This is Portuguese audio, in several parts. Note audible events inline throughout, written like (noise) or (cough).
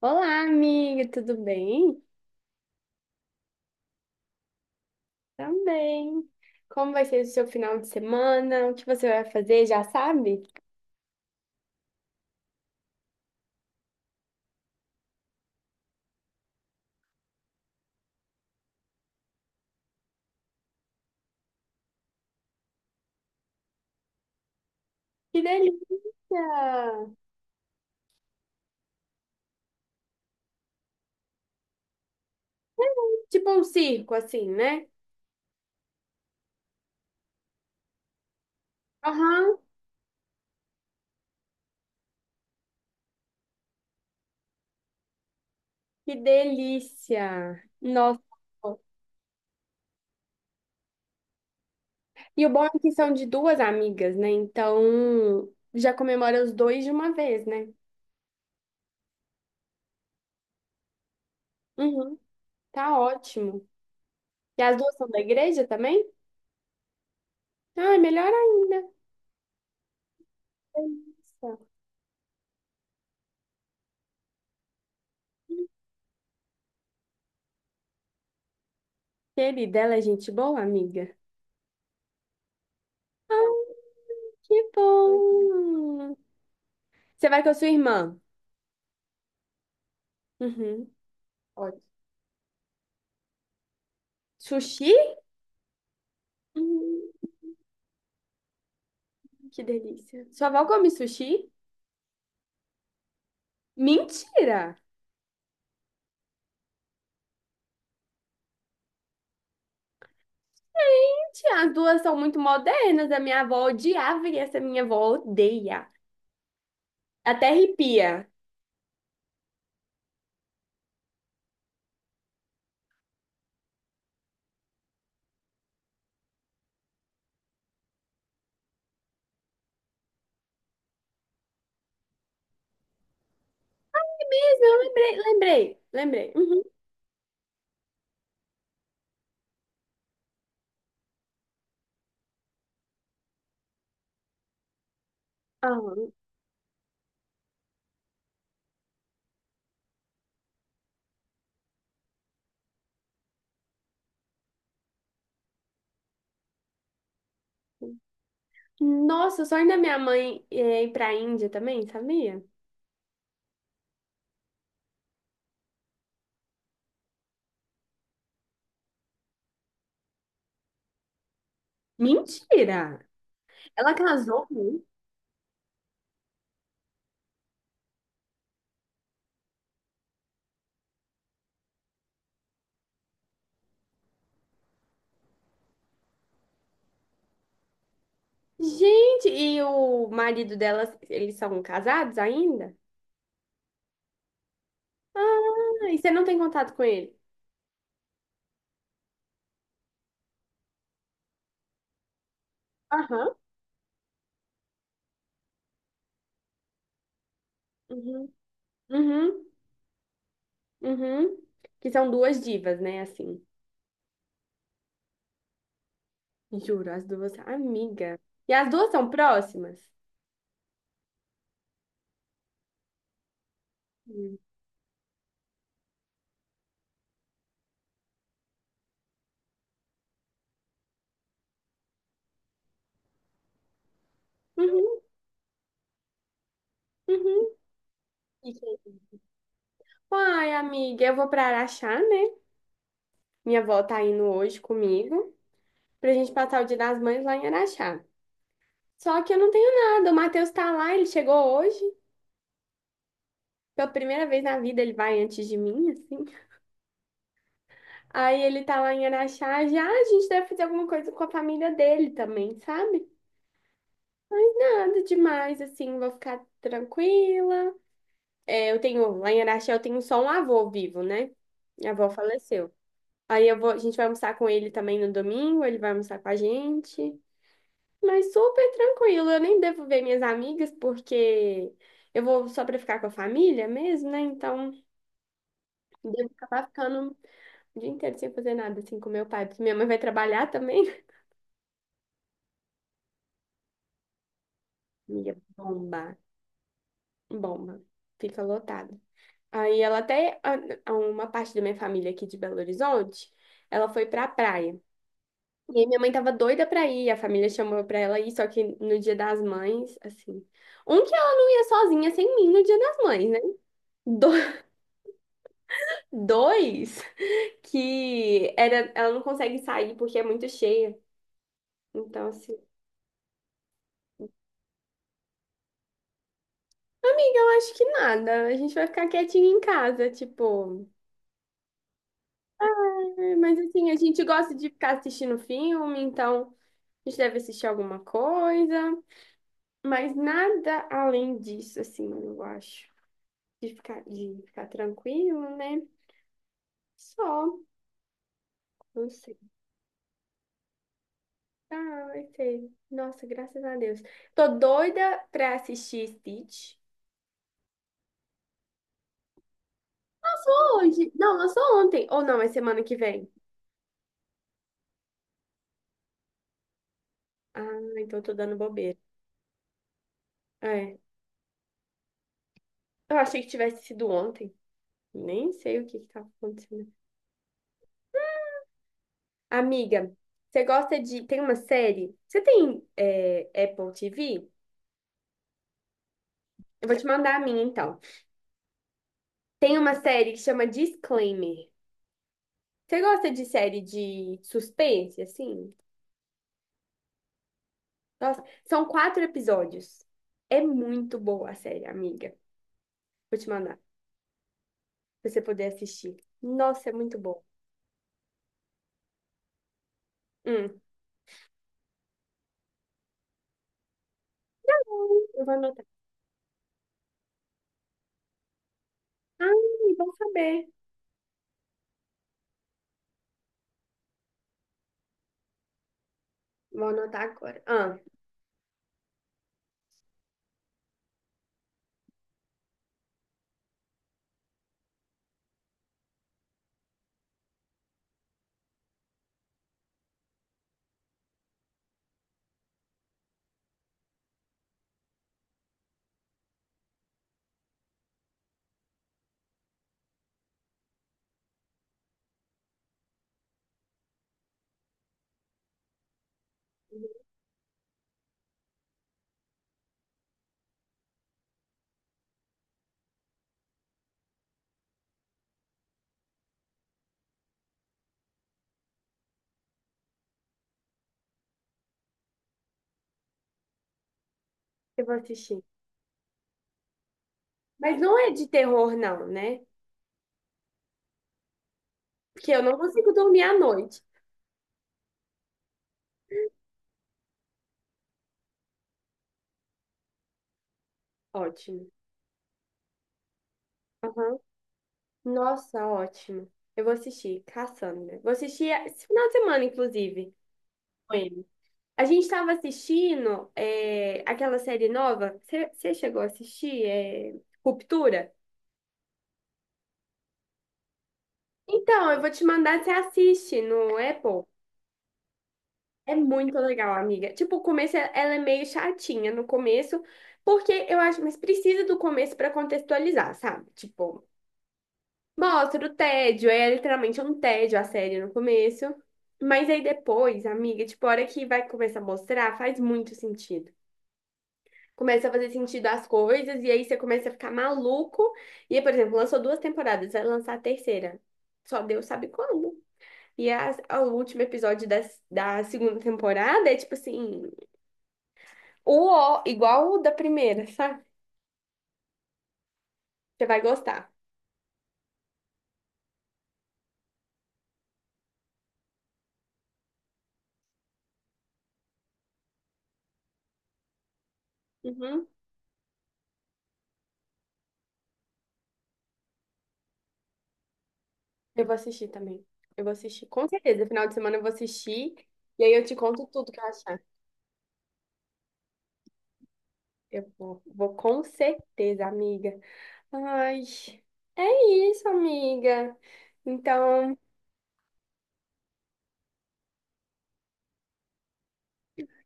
Olá, amiga, tudo bem? Também. Como vai ser o seu final de semana? O que você vai fazer, já sabe? Que delícia! Tipo um circo, assim, né? Aham, que delícia! Nossa! E o bom é que são de duas amigas, né? Então, já comemora os dois de uma vez, né? Uhum, tá ótimo. E as duas são da igreja também? Ah, melhor ainda. Delícia. Querida, ela é gente boa, amiga? Que bom! Você vai com a sua irmã? Uhum. Olha, sushi? Hum, que delícia. Sua avó come sushi? Mentira! Mentira, as duas são muito modernas. A minha avó odiava e essa minha avó odeia. Até arrepia. Mas eu lembrei, lembrei, lembrei. Uhum. Aham. Nossa, o sonho da minha mãe é ir pra Índia também, sabia? Mentira! Ela casou? Gente, e o marido dela, eles são casados ainda? Ah, e você não tem contato com ele? Aham. Uhum, uhum, uhum. Que são duas divas, né? Assim, juro, as duas, amiga. E as duas são próximas? Hum. Uhum, uhum. E quem? Ai, amiga, eu vou pra Araxá, né? Minha avó tá indo hoje comigo pra gente passar o Dia das Mães lá em Araxá. Só que eu não tenho nada, o Matheus tá lá, ele chegou hoje. Pela primeira vez na vida ele vai antes de mim, assim. Aí ele tá lá em Araxá, já "Ah, a gente deve fazer alguma coisa com a família dele também, sabe? Nada demais, assim, vou ficar tranquila. É, lá em Araxá eu tenho só um avô vivo, né? Minha avó faleceu. Aí a gente vai almoçar com ele também no domingo, ele vai almoçar com a gente. Mas super tranquilo, eu nem devo ver minhas amigas, porque eu vou só pra ficar com a família mesmo, né? Então, devo acabar ficando o dia inteiro sem fazer nada, assim, com meu pai, porque minha mãe vai trabalhar também. (laughs) Amiga, bomba. Bomba. Fica lotado. Aí ela até, uma parte da minha família aqui de Belo Horizonte, ela foi pra praia. E aí minha mãe tava doida pra ir, a família chamou pra ela ir, só que no Dia das Mães, assim. Que ela não ia sozinha sem mim no Dia das Mães, né? Do- (laughs) dois, que era, ela não consegue sair porque é muito cheia. Então, assim, amiga, eu acho que nada. A gente vai ficar quietinha em casa, tipo. "É, mas assim, a gente gosta de ficar assistindo filme, então. A gente deve assistir alguma coisa, mas nada além disso, assim, eu acho. De ficar tranquilo, né? Só, não sei. Ah, vai ser. Nossa, graças a Deus. Tô doida pra assistir Stitch. Lançou hoje. Não, lançou ontem. Ou não, é semana que vem. Ah, então eu tô dando bobeira. É. Eu achei que tivesse sido ontem. Nem sei o que que tá acontecendo. Amiga, você gosta de. Tem uma série? Você tem Apple TV? Eu vou te mandar a minha, então. Tem uma série que chama Disclaimer. Você gosta de série de suspense, assim? Nossa, são quatro episódios. É muito boa a série, amiga. Vou te mandar, pra você poder assistir. Nossa, é muito boa. Hum. Eu vou anotar. Ai, bom saber. Vou anotar agora. Ah, eu vou assistir. Mas não é de terror, não, né? Porque eu não consigo dormir à noite. Ótimo. Aham. Nossa, ótimo. Eu vou assistir Cassandra. Vou assistir esse final de semana, inclusive, com ele. A gente estava assistindo aquela série nova. Você chegou a assistir? É, Ruptura? Então, eu vou te mandar, você assiste no Apple. É muito legal, amiga. Tipo, o começo ela é meio chatinha no começo, porque eu acho, mas precisa do começo para contextualizar, sabe? Tipo, mostra o tédio, é literalmente um tédio a série no começo. Mas aí depois, amiga, tipo, a hora que vai começar a mostrar, faz muito sentido. Começa a fazer sentido as coisas, e aí você começa a ficar maluco. E, por exemplo, lançou duas temporadas, vai lançar a terceira. Só Deus sabe quando. O último episódio da, segunda temporada é tipo assim, o ó, igual o da primeira, sabe? Você vai gostar. Uhum. Eu vou assistir também. Eu vou assistir, com certeza. Final de semana eu vou assistir. E aí eu te conto tudo que eu achar. Eu vou com certeza, amiga. Ai, é isso, amiga. Então,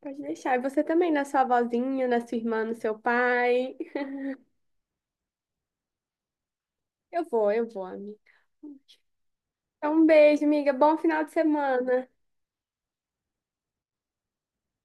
pode deixar. E você também, na sua avózinha, na sua irmã, no seu pai. Eu vou, amiga. Então, um beijo, amiga. Bom final de semana.